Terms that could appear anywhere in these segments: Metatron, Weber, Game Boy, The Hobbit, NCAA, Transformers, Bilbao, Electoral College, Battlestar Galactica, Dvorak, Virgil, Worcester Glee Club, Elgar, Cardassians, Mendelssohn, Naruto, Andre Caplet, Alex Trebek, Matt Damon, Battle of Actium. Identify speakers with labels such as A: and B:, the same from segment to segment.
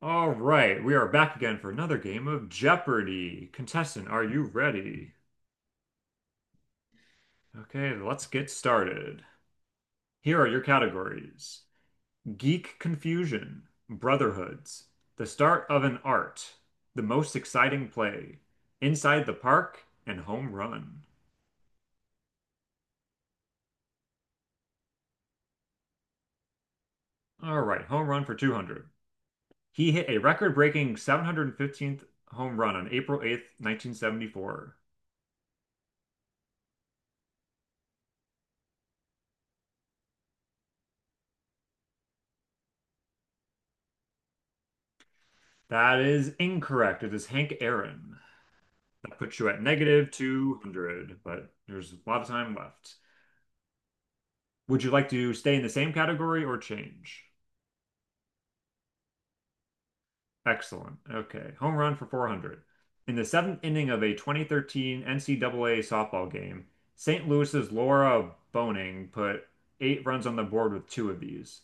A: All right, we are back again for another game of Jeopardy! Contestant, are you ready? Okay, let's get started. Here are your categories: Geek Confusion, Brotherhoods, The Start of an Art, The Most Exciting Play, Inside the Park, and Home Run. All right, home run for 200. He hit a record-breaking 715th home run on April 8th, 1974. That is incorrect. It is Hank Aaron. That puts you at negative 200, but there's a lot of time left. Would you like to stay in the same category or change? Excellent. Okay. Home run for 400. In the seventh inning of a 2013 NCAA softball game, St. Louis's Laura Boning put eight runs on the board with two of these.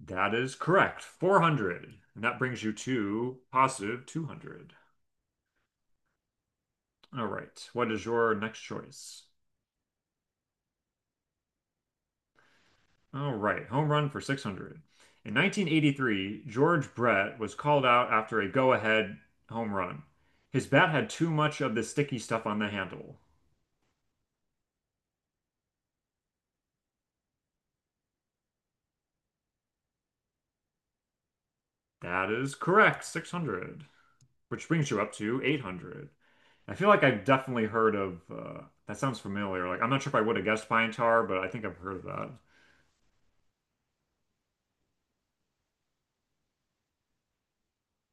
A: That is correct. 400. And that brings you to positive 200. All right. What is your next choice? All right, home run for 600. In 1983, George Brett was called out after a go-ahead home run. His bat had too much of the sticky stuff on the handle. That is correct, 600, which brings you up to 800. I feel like I've definitely heard of that sounds familiar. Like I'm not sure if I would have guessed pine tar, but I think I've heard of that.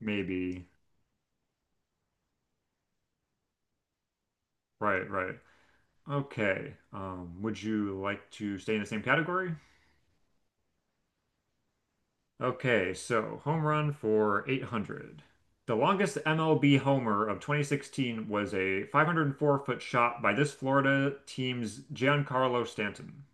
A: Maybe. Right, right. Okay. Would you like to stay in the same category? Okay, so home run for 800. The longest MLB homer of 2016 was a 504-foot shot by this Florida team's Giancarlo Stanton.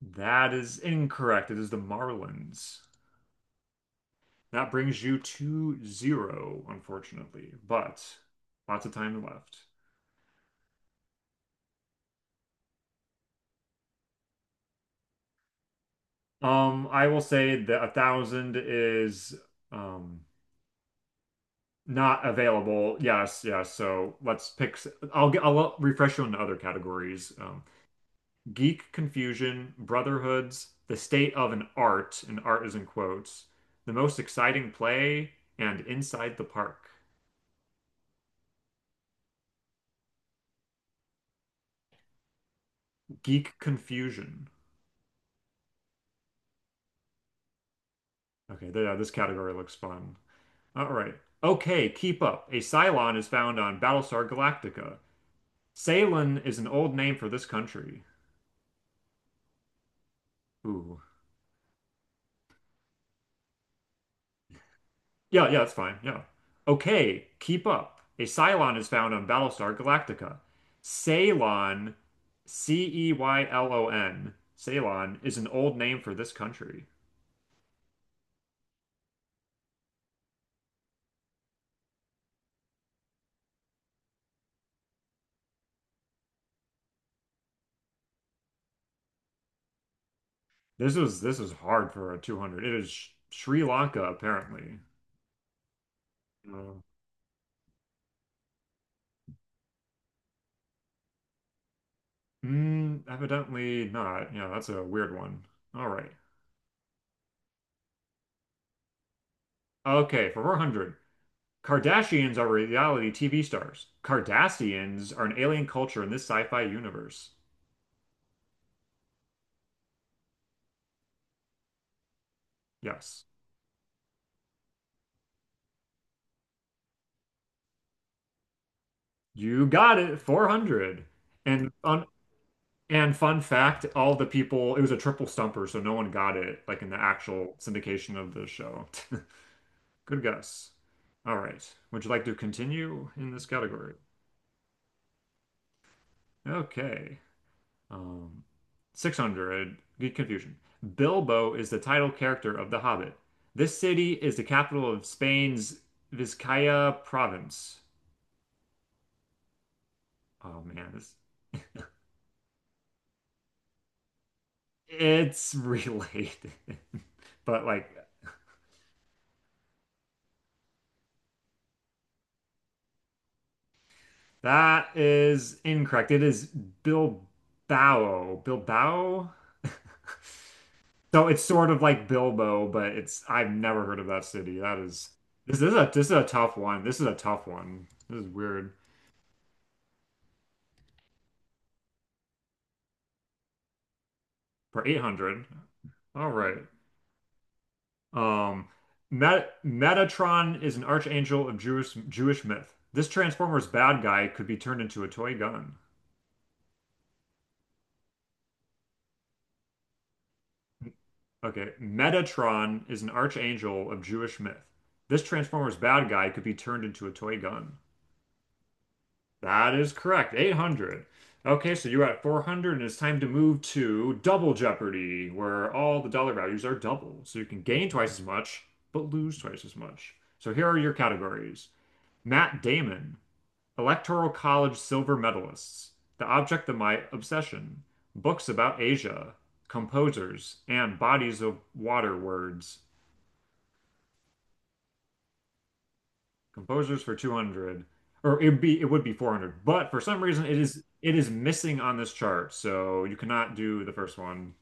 A: That is incorrect. It is the Marlins. That brings you to zero, unfortunately, but lots of time left. I will say that a thousand is um not available. Yes, yes. So let's pick. I'll get. I'll refresh you on the other categories. Geek confusion, brotherhoods, the state of an art, and art is in quotes, the most exciting play, and inside the park. Geek confusion. Okay, yeah, this category looks fun. All right. Okay, keep up. A Cylon is found on Battlestar Galactica. Ceylon is an old name for this country. Ooh. Yeah, yeah, that's fine. Yeah. Okay, keep up. A Cylon is found on Battlestar Galactica. Ceylon, CEYLON. Ceylon is an old name for this country. This was hard for a 200. It is Sh- Sri Lanka, apparently. Uh, Evidently not. Yeah, that's a weird one. All right. Okay, for 400. Kardashians are reality TV stars. Cardassians are an alien culture in this sci-fi universe. Yes. You got it, 400. And fun, and fun fact, all the people, it was a triple stumper, so no one got it, like in the actual syndication of the show. Good guess. All right. Would you like to continue in this category? Okay. Um, 600, Good confusion. Bilbo is the title character of The Hobbit. This city is the capital of Spain's Vizcaya province. Oh man, this, it's related. But like that is incorrect. It is Bilbao. Bilbao? So it's sort of like Bilbo, but it's I've never heard of that city. That is this is a tough one. This is a tough one. This is weird. For 800. All right. Um, Metatron is an archangel of Jewish myth. This Transformers bad guy could be turned into a toy gun. Okay, Metatron is an archangel of Jewish myth. This Transformers bad guy could be turned into a toy gun. That is correct. 800. Okay, so you're at 400, and it's time to move to Double Jeopardy, where all the dollar values are double. So you can gain twice as much, but lose twice as much. So here are your categories. Matt Damon, Electoral College silver medalists, The Object of My Obsession, books about Asia, composers, and bodies of water words. Composers for 200, or it would be 400, but for some reason it is missing on this chart, so you cannot do the first one.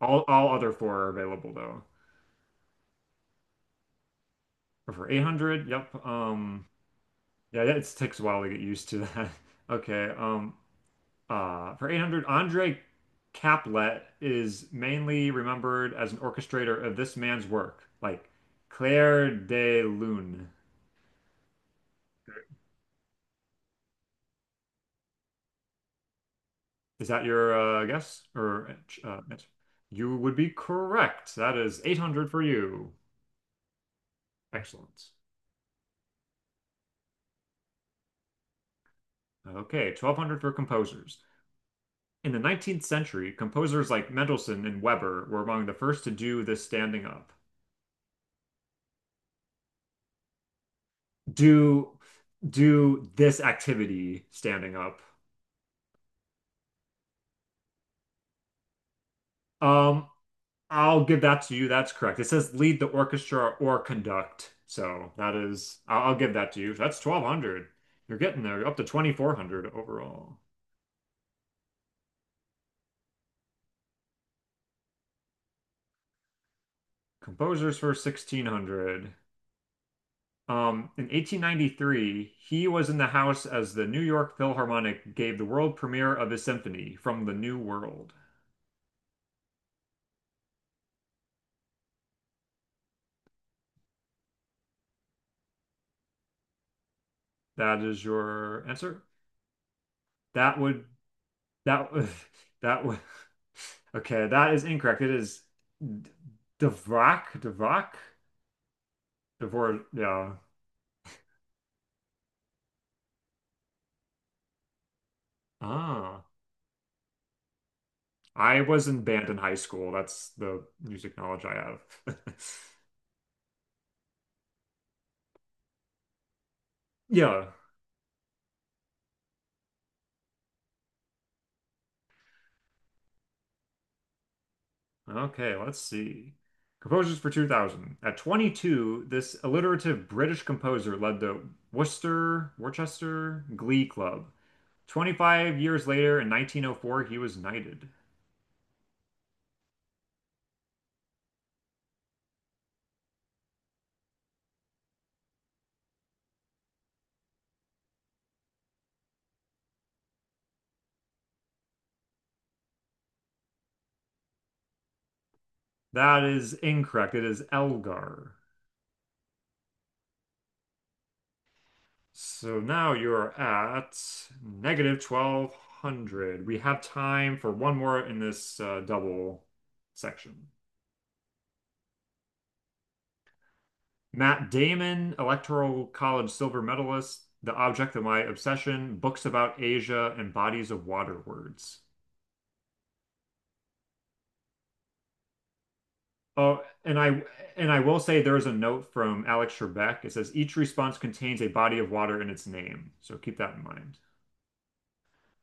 A: All other four are available though. Or for 800, yep. It takes a while to get used to that. Okay. For 800, Andre Caplet is mainly remembered as an orchestrator of this man's work, like Clair de Lune. Is that your guess or answer? You would be correct. That is 800 for you. Excellent. Okay, 1200 for composers. In the 19th century, composers like Mendelssohn and Weber were among the first to do this standing up. Do do this activity standing up. Um, I'll give that to you. That's correct. It says lead the orchestra or conduct. So that is, I'll give that to you. That's 1200. You're getting there. You're up to 2400 overall. Composers for 1600. In 1893, he was in the house as the New York Philharmonic gave the world premiere of his symphony, From the New World. That is your answer? That would that that would Okay, that is incorrect. It is D- Dvorak, Dvorak, Dvorak, yeah. Ah, I was in band in high school. That's the music knowledge I have. Yeah. Okay, let's see. Composers for 2000. At 22, this alliterative British composer led the Worcester Glee Club. 25 years later, in 1904, he was knighted. That is incorrect. It is Elgar. So now you're at negative 1200. We have time for one more in this double section. Matt Damon, Electoral College silver medalist, The Object of My Obsession, Books About Asia, and Bodies of Water Words. Oh, and I will say there's a note from Alex Trebek. It says each response contains a body of water in its name, so keep that in mind.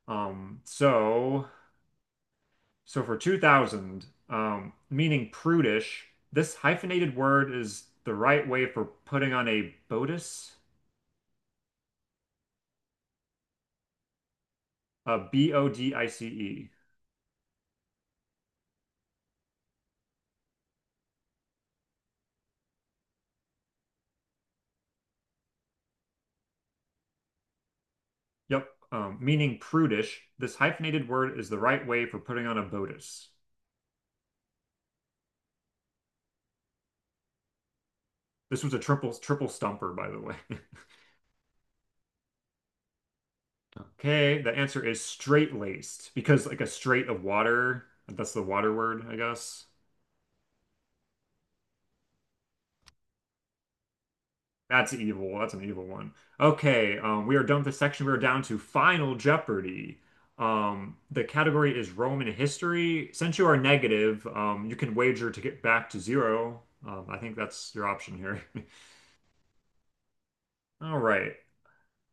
A: Um, so so for 2000, meaning prudish, this hyphenated word is the right way for putting on a bodice, a BODICE. Yep. Meaning prudish, this hyphenated word is the right way for putting on a bodice. This was a triple stumper, by the way. Okay, the answer is straight-laced because like a straight of water, that's the water word, I guess. That's evil. That's an evil one. Okay, we are done with this section. We are down to Final Jeopardy. The category is Roman history. Since you are negative, you can wager to get back to zero. I think that's your option here. All right.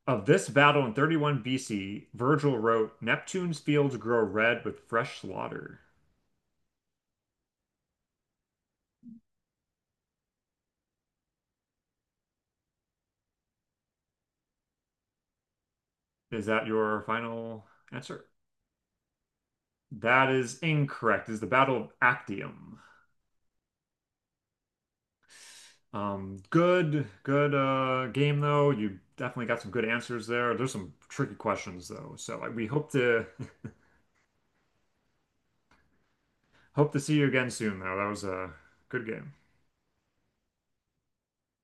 A: Of this battle in 31 BC, Virgil wrote, Neptune's fields grow red with fresh slaughter. Is that your final answer? That is incorrect. It's the Battle of Actium. Good, game though. You definitely got some good answers there. There's some tricky questions though, so like, we hope to hope to see you again soon though. That was a good game.